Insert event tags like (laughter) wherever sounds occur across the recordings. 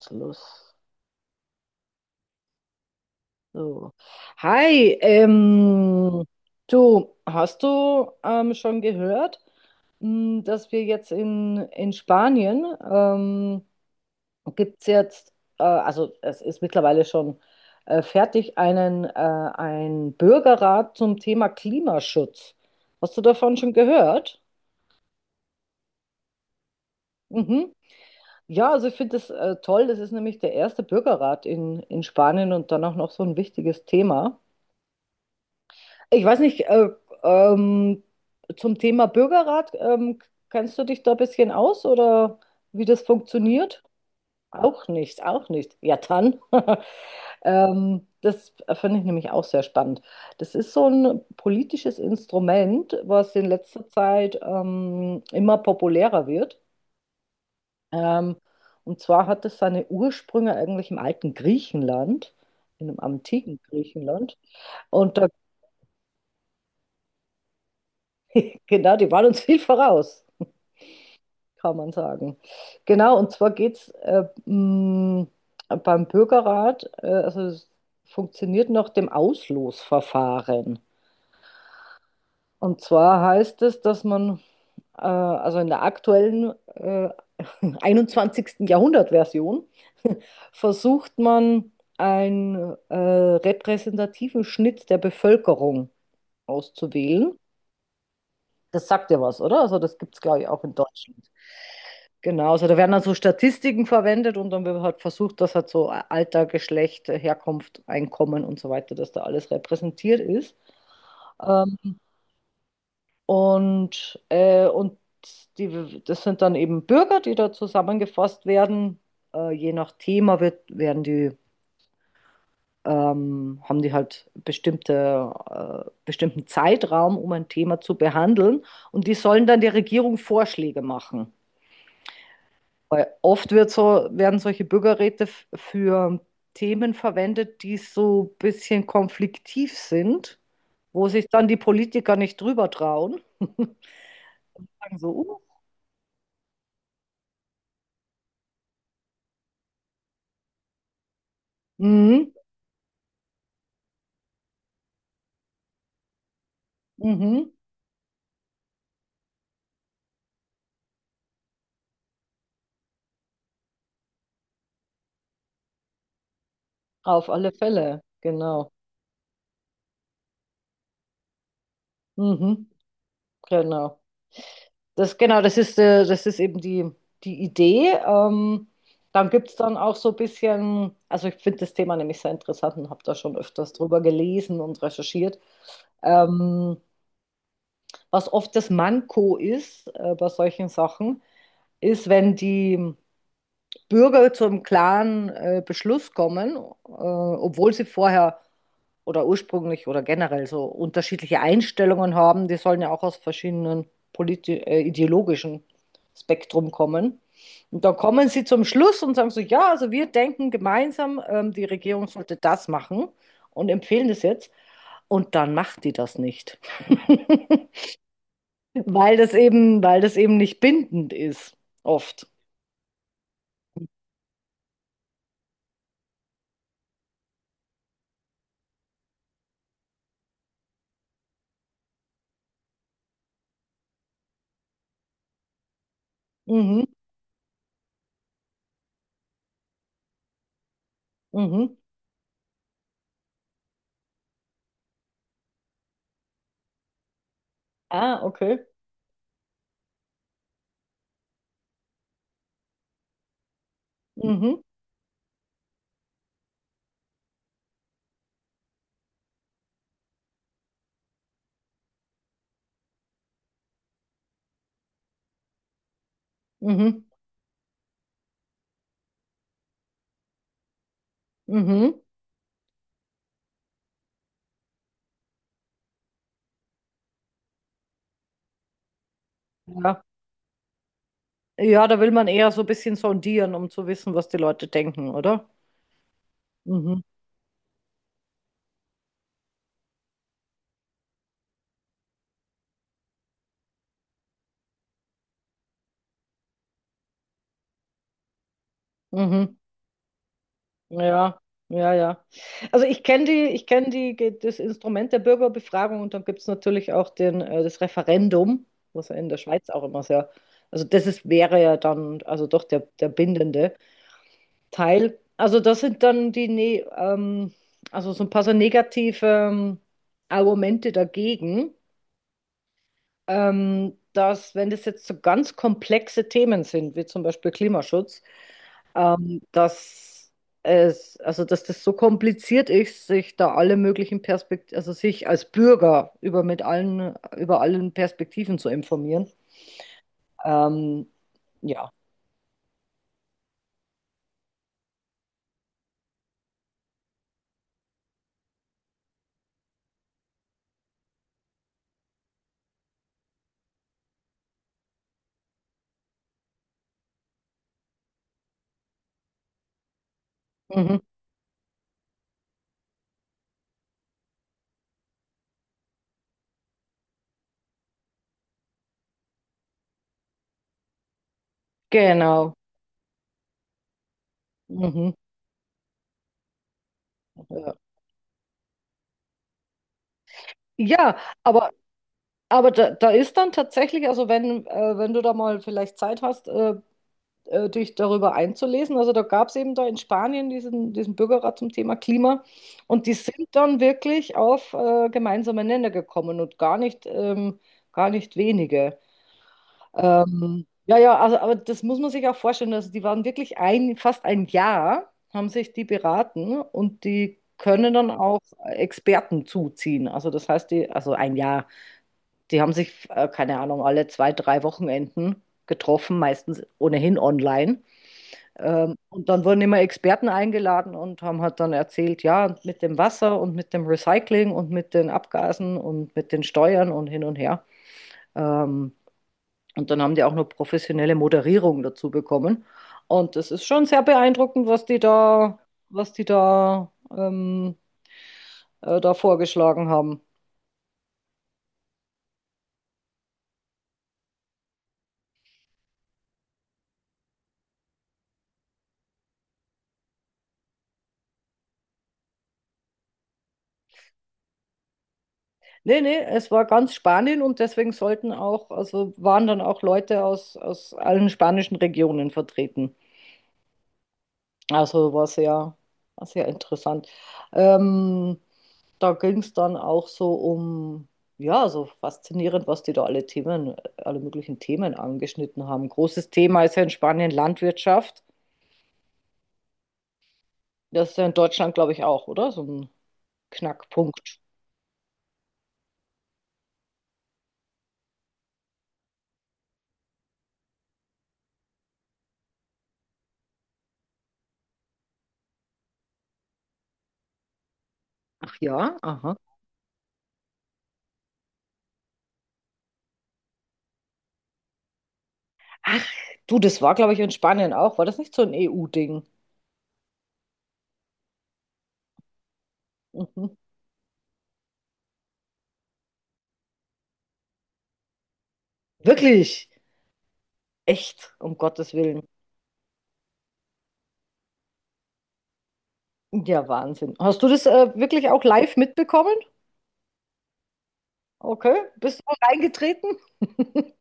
Jetzt los. So. Hi, du, hast du schon gehört, dass wir jetzt in Spanien gibt es jetzt, also es ist mittlerweile schon fertig, ein Bürgerrat zum Thema Klimaschutz. Hast du davon schon gehört? Mhm. Ja, also ich finde das toll. Das ist nämlich der erste Bürgerrat in Spanien und dann auch noch so ein wichtiges Thema. Ich weiß nicht, ähm, zum Thema Bürgerrat, kennst du dich da ein bisschen aus oder wie das funktioniert? Auch nicht, auch nicht. Ja, dann. (laughs) Das finde ich nämlich auch sehr spannend. Das ist so ein politisches Instrument, was in letzter Zeit immer populärer wird. Ähm, und zwar hat es seine Ursprünge eigentlich im alten Griechenland, in dem antiken Griechenland. Und da, genau, die waren uns viel voraus. Kann man sagen. Genau, und zwar geht es beim Bürgerrat, also es funktioniert nach dem Auslosverfahren. Und zwar heißt es, dass man, also in der aktuellen (laughs) 21. Jahrhundert-Version, (laughs) versucht man einen repräsentativen Schnitt der Bevölkerung auszuwählen. Das sagt ja was, oder? Also das gibt es, glaube ich, auch in Deutschland. Genau, also da werden dann so Statistiken verwendet und dann wird halt versucht, dass halt so Alter, Geschlecht, Herkunft, Einkommen und so weiter, dass da alles repräsentiert ist. Ähm, und die, das sind dann eben Bürger, die da zusammengefasst werden. Je nach Thema werden die, haben die halt bestimmten Zeitraum, um ein Thema zu behandeln. Und die sollen dann der Regierung Vorschläge machen. Weil oft wird so, werden solche Bürgerräte für Themen verwendet, die so ein bisschen konfliktiv sind, wo sich dann die Politiker nicht drüber trauen. (laughs) Sagen so, mhm, mhm, auf alle Fälle, genau. Mhm, genau. Das, genau, das ist eben die, die Idee. Dann gibt es dann auch so ein bisschen, also ich finde das Thema nämlich sehr interessant und habe da schon öfters drüber gelesen und recherchiert. Ähm, was oft das Manko ist bei solchen Sachen, ist, wenn die Bürger zu einem klaren Beschluss kommen, obwohl sie vorher oder ursprünglich oder generell so unterschiedliche Einstellungen haben, die sollen ja auch aus verschiedenen ideologischen Spektrum kommen. Und dann kommen sie zum Schluss und sagen so, ja, also wir denken gemeinsam, die Regierung sollte das machen und empfehlen das jetzt. Und dann macht die das nicht. (laughs) Weil das eben nicht bindend ist, oft. Mhm, mhm. Ah, okay. Mhm, mhm, mhm. Ja. Ja, da will man eher so ein bisschen sondieren, um zu wissen, was die Leute denken, oder? Mhm, mhm. Ja, ja, ja. Also ich kenne die, ich kenne das Instrument der Bürgerbefragung und dann gibt es natürlich auch das Referendum, was ja in der Schweiz auch immer sehr, also das ist, wäre ja dann, also doch der bindende Teil. Also das sind dann die, ne, also so ein paar so negative Argumente dagegen, dass wenn das jetzt so ganz komplexe Themen sind, wie zum Beispiel Klimaschutz, dass es, also dass das so kompliziert ist, sich da alle möglichen Perspektiven, also sich als Bürger über mit allen, über allen Perspektiven zu informieren. Ähm, ja. Mhm. Genau. Mhm. Ja, ja, aber da, da ist dann tatsächlich, also wenn du da mal vielleicht Zeit hast, dich darüber einzulesen, also da gab es eben da in Spanien diesen Bürgerrat zum Thema Klima und die sind dann wirklich auf gemeinsame Nenner gekommen und gar nicht wenige. Ja, ja, also aber das muss man sich auch vorstellen, also die waren wirklich fast ein Jahr, haben sich die beraten und die können dann auch Experten zuziehen. Also das heißt, die, also ein Jahr. Die haben sich, keine Ahnung, alle zwei, drei Wochenenden getroffen, meistens ohnehin online. Und dann wurden immer Experten eingeladen und haben halt dann erzählt, ja, mit dem Wasser und mit dem Recycling und mit den Abgasen und mit den Steuern und hin und her. Ähm, und dann haben die auch noch professionelle Moderierung dazu bekommen. Und das ist schon sehr beeindruckend, was die da, was die da, ähm, da vorgeschlagen haben. Nee, nee, es war ganz Spanien und deswegen sollten auch, also waren dann auch Leute aus, aus allen spanischen Regionen vertreten. Also war sehr interessant. Ähm, da ging es dann auch so um, ja, so faszinierend, was die da alle Themen, alle möglichen Themen angeschnitten haben. Großes Thema ist ja in Spanien Landwirtschaft. Das ist ja in Deutschland, glaube ich, auch, oder? So ein Knackpunkt. Ach ja, aha. Ach, du, das war, glaube ich, in Spanien auch. War das nicht so ein EU-Ding? Wirklich? Echt? Um Gottes willen. Ja, Wahnsinn. Hast du das wirklich auch live mitbekommen? Okay. Bist du auch reingetreten? (laughs)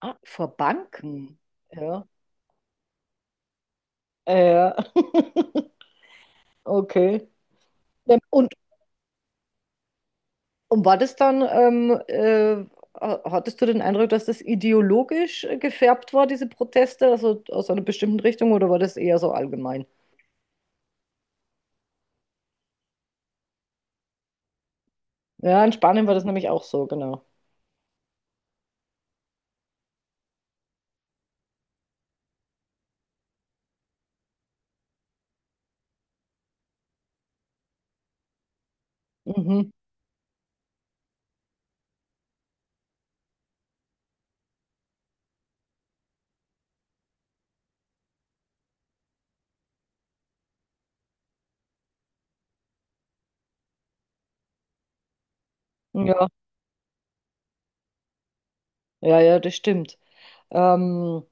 Ah, vor Banken. Ja. Ja. (laughs) Okay. Ja. Und war das dann, hattest du den Eindruck, dass das ideologisch gefärbt war, diese Proteste, also aus einer bestimmten Richtung, oder war das eher so allgemein? Ja, in Spanien war das nämlich auch so, genau. Mhm. Ja, ja, ja, das stimmt. Ähm,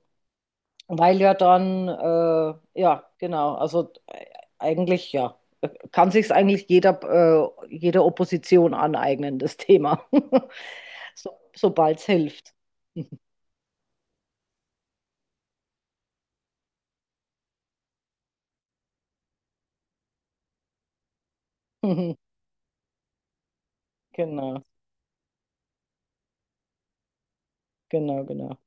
weil ja dann, ja, genau, also eigentlich, ja, kann sich eigentlich jeder, jede Opposition aneignen, das Thema, (laughs) so, sobald es hilft. (laughs) Genau, genau, genau.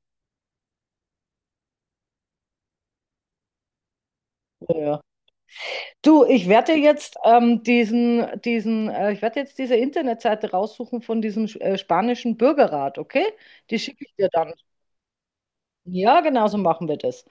Ja, ja. Du, ich werde jetzt diese Internetseite raussuchen von diesem spanischen Bürgerrat, okay? Die schicke ich dir dann. Ja, genau so machen wir das.